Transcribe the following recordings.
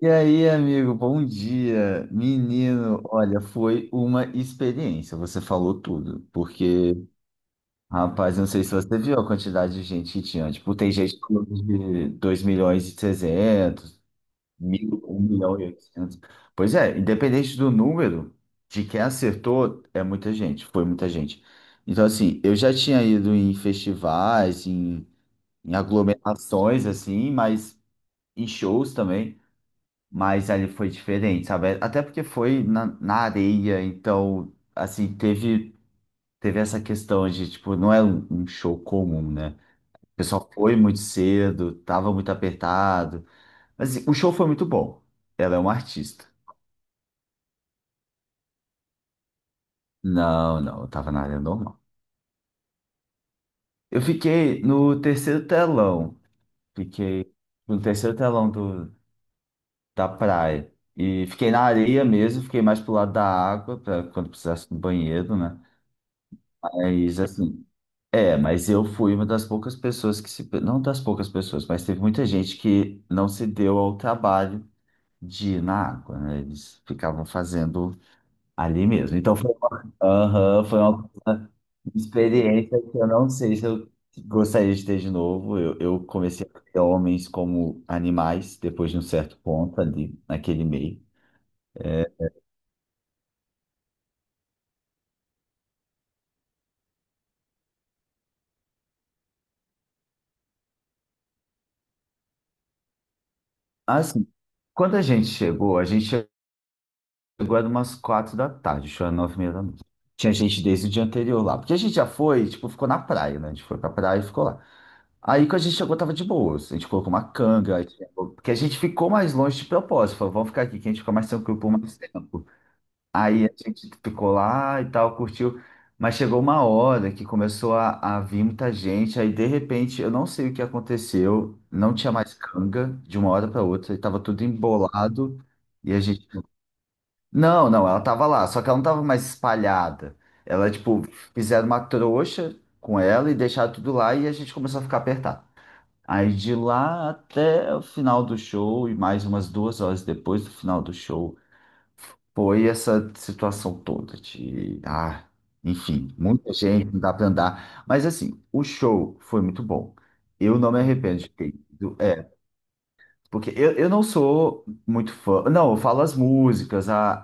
E aí, amigo, bom dia. Menino, olha, foi uma experiência. Você falou tudo, porque, rapaz, eu não sei se você viu a quantidade de gente que tinha. Tipo, tem gente falando de 2.300.000, um milhão e 800. Pois é, independente do número de quem acertou, é muita gente, foi muita gente. Então, assim, eu já tinha ido em festivais, em aglomerações, assim, mas em shows também. Mas ali foi diferente, sabe? Até porque foi na areia, então, assim, teve essa questão de, tipo, não é um show comum, né? O pessoal foi muito cedo, tava muito apertado. Mas assim, o show foi muito bom. Ela é uma artista. Não, não, eu tava na área normal. Eu fiquei no terceiro telão. Fiquei no terceiro telão da praia. E fiquei na areia mesmo, fiquei mais pro lado da água, pra quando precisasse do banheiro, né? Mas assim. É, mas eu fui uma das poucas pessoas que se. Não das poucas pessoas, mas teve muita gente que não se deu ao trabalho de ir na água, né? Eles ficavam fazendo ali mesmo. Então Aham, foi uma experiência que eu não sei se eu gostaria de ter de novo. Eu comecei a ver homens como animais depois de um certo ponto ali, naquele meio. Assim, quando a gente chegou, a gente. chegou era umas 4 da tarde, chegou era 9h30 da noite. Tinha gente desde o dia anterior lá. Porque a gente já foi, tipo, ficou na praia, né? A gente foi pra praia e ficou lá. Aí quando a gente chegou, tava de boas. A gente colocou uma canga. Porque a gente ficou mais longe de propósito. Falou, vamos ficar aqui, que a gente fica mais tranquilo por mais tempo. Aí a gente ficou lá e tal, curtiu. Mas chegou uma hora que começou a vir muita gente. Aí, de repente, eu não sei o que aconteceu. Não tinha mais canga de uma hora para outra. E tava tudo embolado. E a gente não, não, ela tava lá, só que ela não tava mais espalhada. Ela, tipo, fizeram uma trouxa com ela e deixaram tudo lá e a gente começou a ficar apertado. Aí de lá até o final do show e mais umas 2 horas depois do final do show, foi essa situação toda de, ah, enfim, muita gente, não dá pra andar. Mas assim, o show foi muito bom. Eu não me arrependo de ter ido. É, porque eu não sou muito fã. Não, eu falo as músicas, a,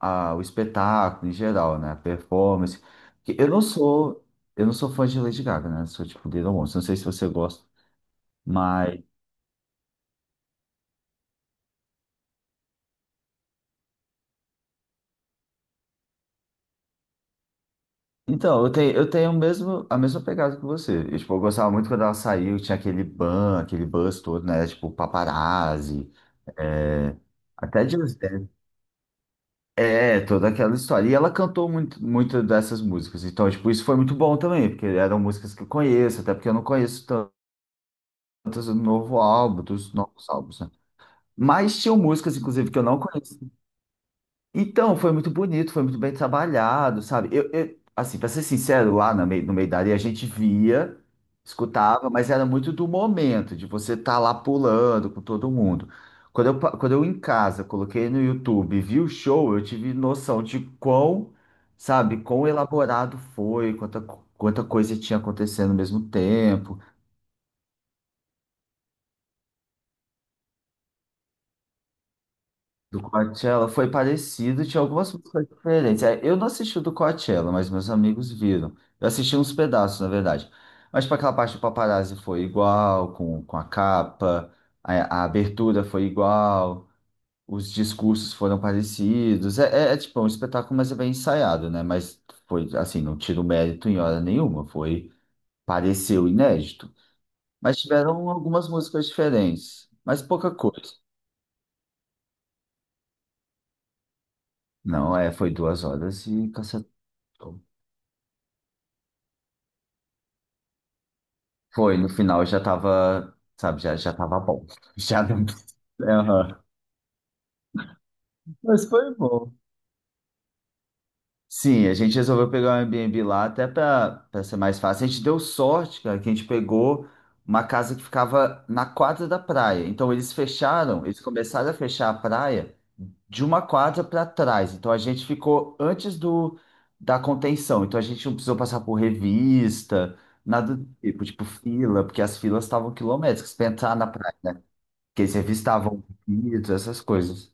a, a, o espetáculo em geral, né? A performance. Que eu não sou fã de Lady Gaga, né? Sou tipo Little Monsters. Não sei se você gosta. Mas. Então, eu tenho a mesma pegada que você. Tipo, eu gostava muito quando ela saiu, tinha aquele buzz todo, né? Tipo, paparazzi. É, Até Just é, toda aquela história. E ela cantou muito, muito dessas músicas. Então, tipo, isso foi muito bom também, porque eram músicas que eu conheço, até porque eu não conheço tantas dos novos álbuns, né? Mas tinham músicas, inclusive, que eu não conheço então, foi muito bonito, foi muito bem trabalhado, sabe? Assim, para ser sincero, lá no meio, no meio da areia a gente via, escutava, mas era muito do momento, de você estar lá pulando com todo mundo. Quando eu em casa coloquei no YouTube e vi o show, eu tive noção de quão, sabe, quão elaborado foi, quanta coisa tinha acontecendo ao mesmo tempo. Do Coachella foi parecido, tinha algumas músicas diferentes. É, eu não assisti o do Coachella, mas meus amigos viram. Eu assisti uns pedaços, na verdade. Mas para aquela parte do Paparazzi foi igual, com a capa, a abertura foi igual, os discursos foram parecidos. Tipo é um espetáculo, mas é bem ensaiado, né? Mas foi assim, não tiro mérito em hora nenhuma, pareceu inédito. Mas tiveram algumas músicas diferentes, mas pouca coisa. Não, é, foi 2 horas e cacete. Foi, no final já tava, sabe, já, já tava bom. Já não... Aham. Mas foi bom. Sim, a gente resolveu pegar um Airbnb lá até para ser mais fácil. A gente deu sorte, cara, que a gente pegou uma casa que ficava na quadra da praia. Então eles fecharam, eles começaram a fechar a praia de uma quadra para trás. Então a gente ficou antes do da contenção. Então a gente não precisou passar por revista, nada do tipo, tipo fila, porque as filas estavam quilométricas para entrar na praia. Que eles revistavam pedidos, essas coisas.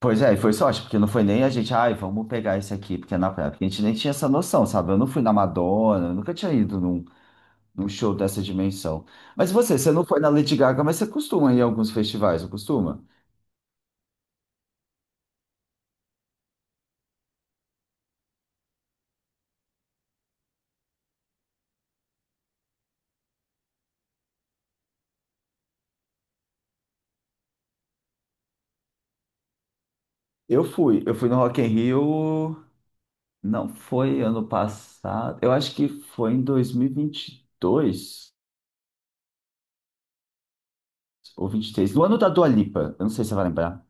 Pois é, e foi sorte, porque não foi nem a gente, ai, vamos pegar esse aqui, porque é na praia, porque a gente nem tinha essa noção, sabe? Eu não fui na Madonna, eu nunca tinha ido num show dessa dimensão. Mas você, você não foi na Lady Gaga, mas você costuma ir em alguns festivais, não costuma? Eu fui no Rock in Rio, não foi ano passado, eu acho que foi em 2022 ou 23, no ano da Dua Lipa, eu não sei se você vai lembrar.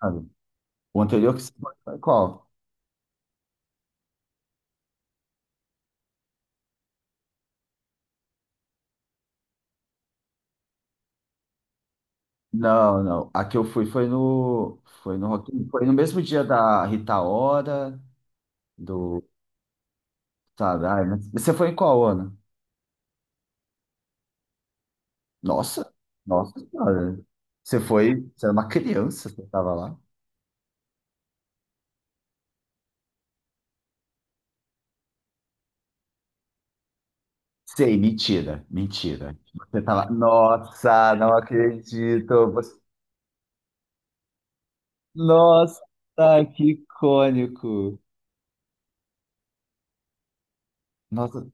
Sabe? O anterior que você foi, foi qual? Não, não. A que eu fui foi no mesmo dia da Rita Ora, do, sabe? Ai, mas você foi em qual ano? Nossa, nossa senhora. Você foi, você era uma criança, você estava lá. Sei, mentira, mentira. Você tava, nossa, não acredito. Você- Nossa, que icônico. Nossa,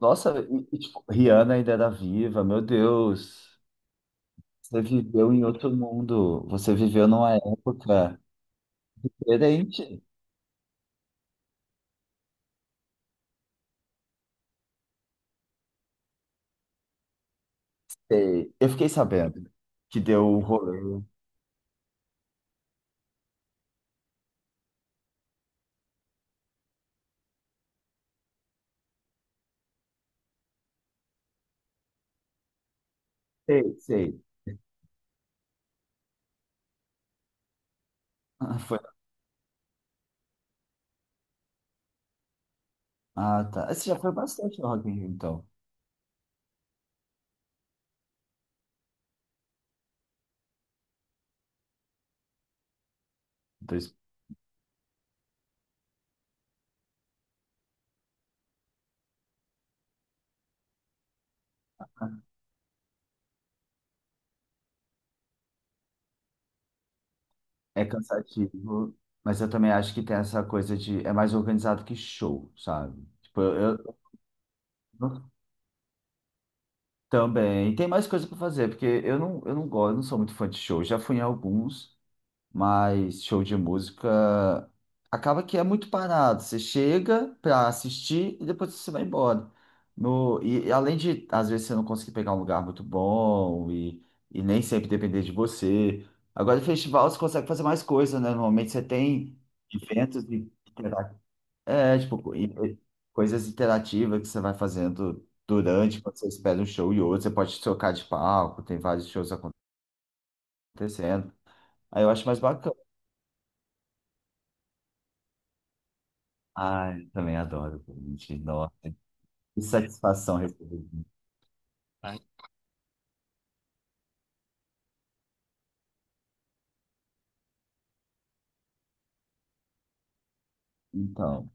nossa, tipo, Rihanna ainda era viva, meu Deus. Você viveu em outro mundo. Você viveu numa época. Diferente. Sei. Eu fiquei sabendo que deu o rolê. Sei, sei. Ah, foi... ah, tá. Esse já foi bastante no Rock in Rio, então. Então, é cansativo, mas eu também acho que tem essa coisa de... É mais organizado que show, sabe? Tipo, eu- também. Tem mais coisa pra fazer, porque eu não gosto, eu não sou muito fã de show. Já fui em alguns, mas show de música acaba que é muito parado. Você chega para assistir e depois você vai embora. No, e além de, às vezes, você não conseguir pegar um lugar muito bom e, nem sempre depender de você. Agora, em festival, você consegue fazer mais coisa, né? Normalmente você tem eventos e tipo, e coisas interativas que você vai fazendo durante, quando você espera um show e outro. Você pode trocar de palco, tem vários shows acontecendo. Aí eu acho mais bacana. Ai, eu também adoro, gente. Nossa, que satisfação receber. Isso. Então,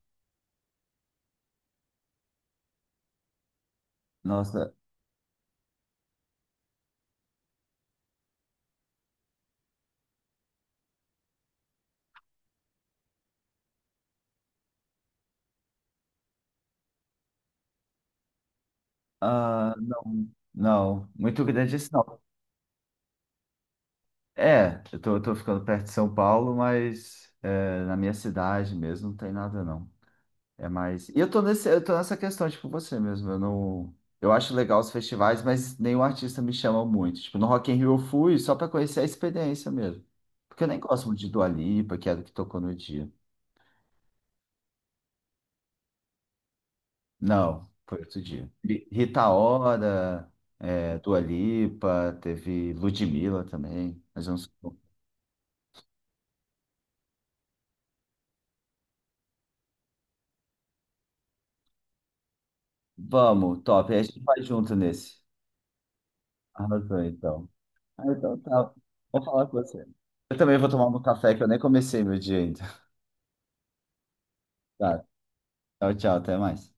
nossa, ah, não, não, muito grande isso não. É, eu tô ficando perto de São Paulo, mas é, na minha cidade mesmo não tem nada não. É mais. E eu tô nesse, eu tô nessa questão, tipo, você mesmo. Eu não, eu acho legal os festivais, mas nenhum artista me chama muito. Tipo, no Rock in Rio eu fui só pra conhecer a experiência mesmo. Porque eu nem gosto muito de Dua Lipa, que era o que tocou no dia. Não, foi outro dia. Rita Ora, é, Dua Lipa, teve Ludmilla também, mas eu não sei. Como. Vamos, top. Aí a gente vai junto nesse. Arrasou, então. Ah, então tá. Vou falar com você. Eu também vou tomar um café que eu nem comecei meu dia ainda. Tá, tchau, tchau, até mais.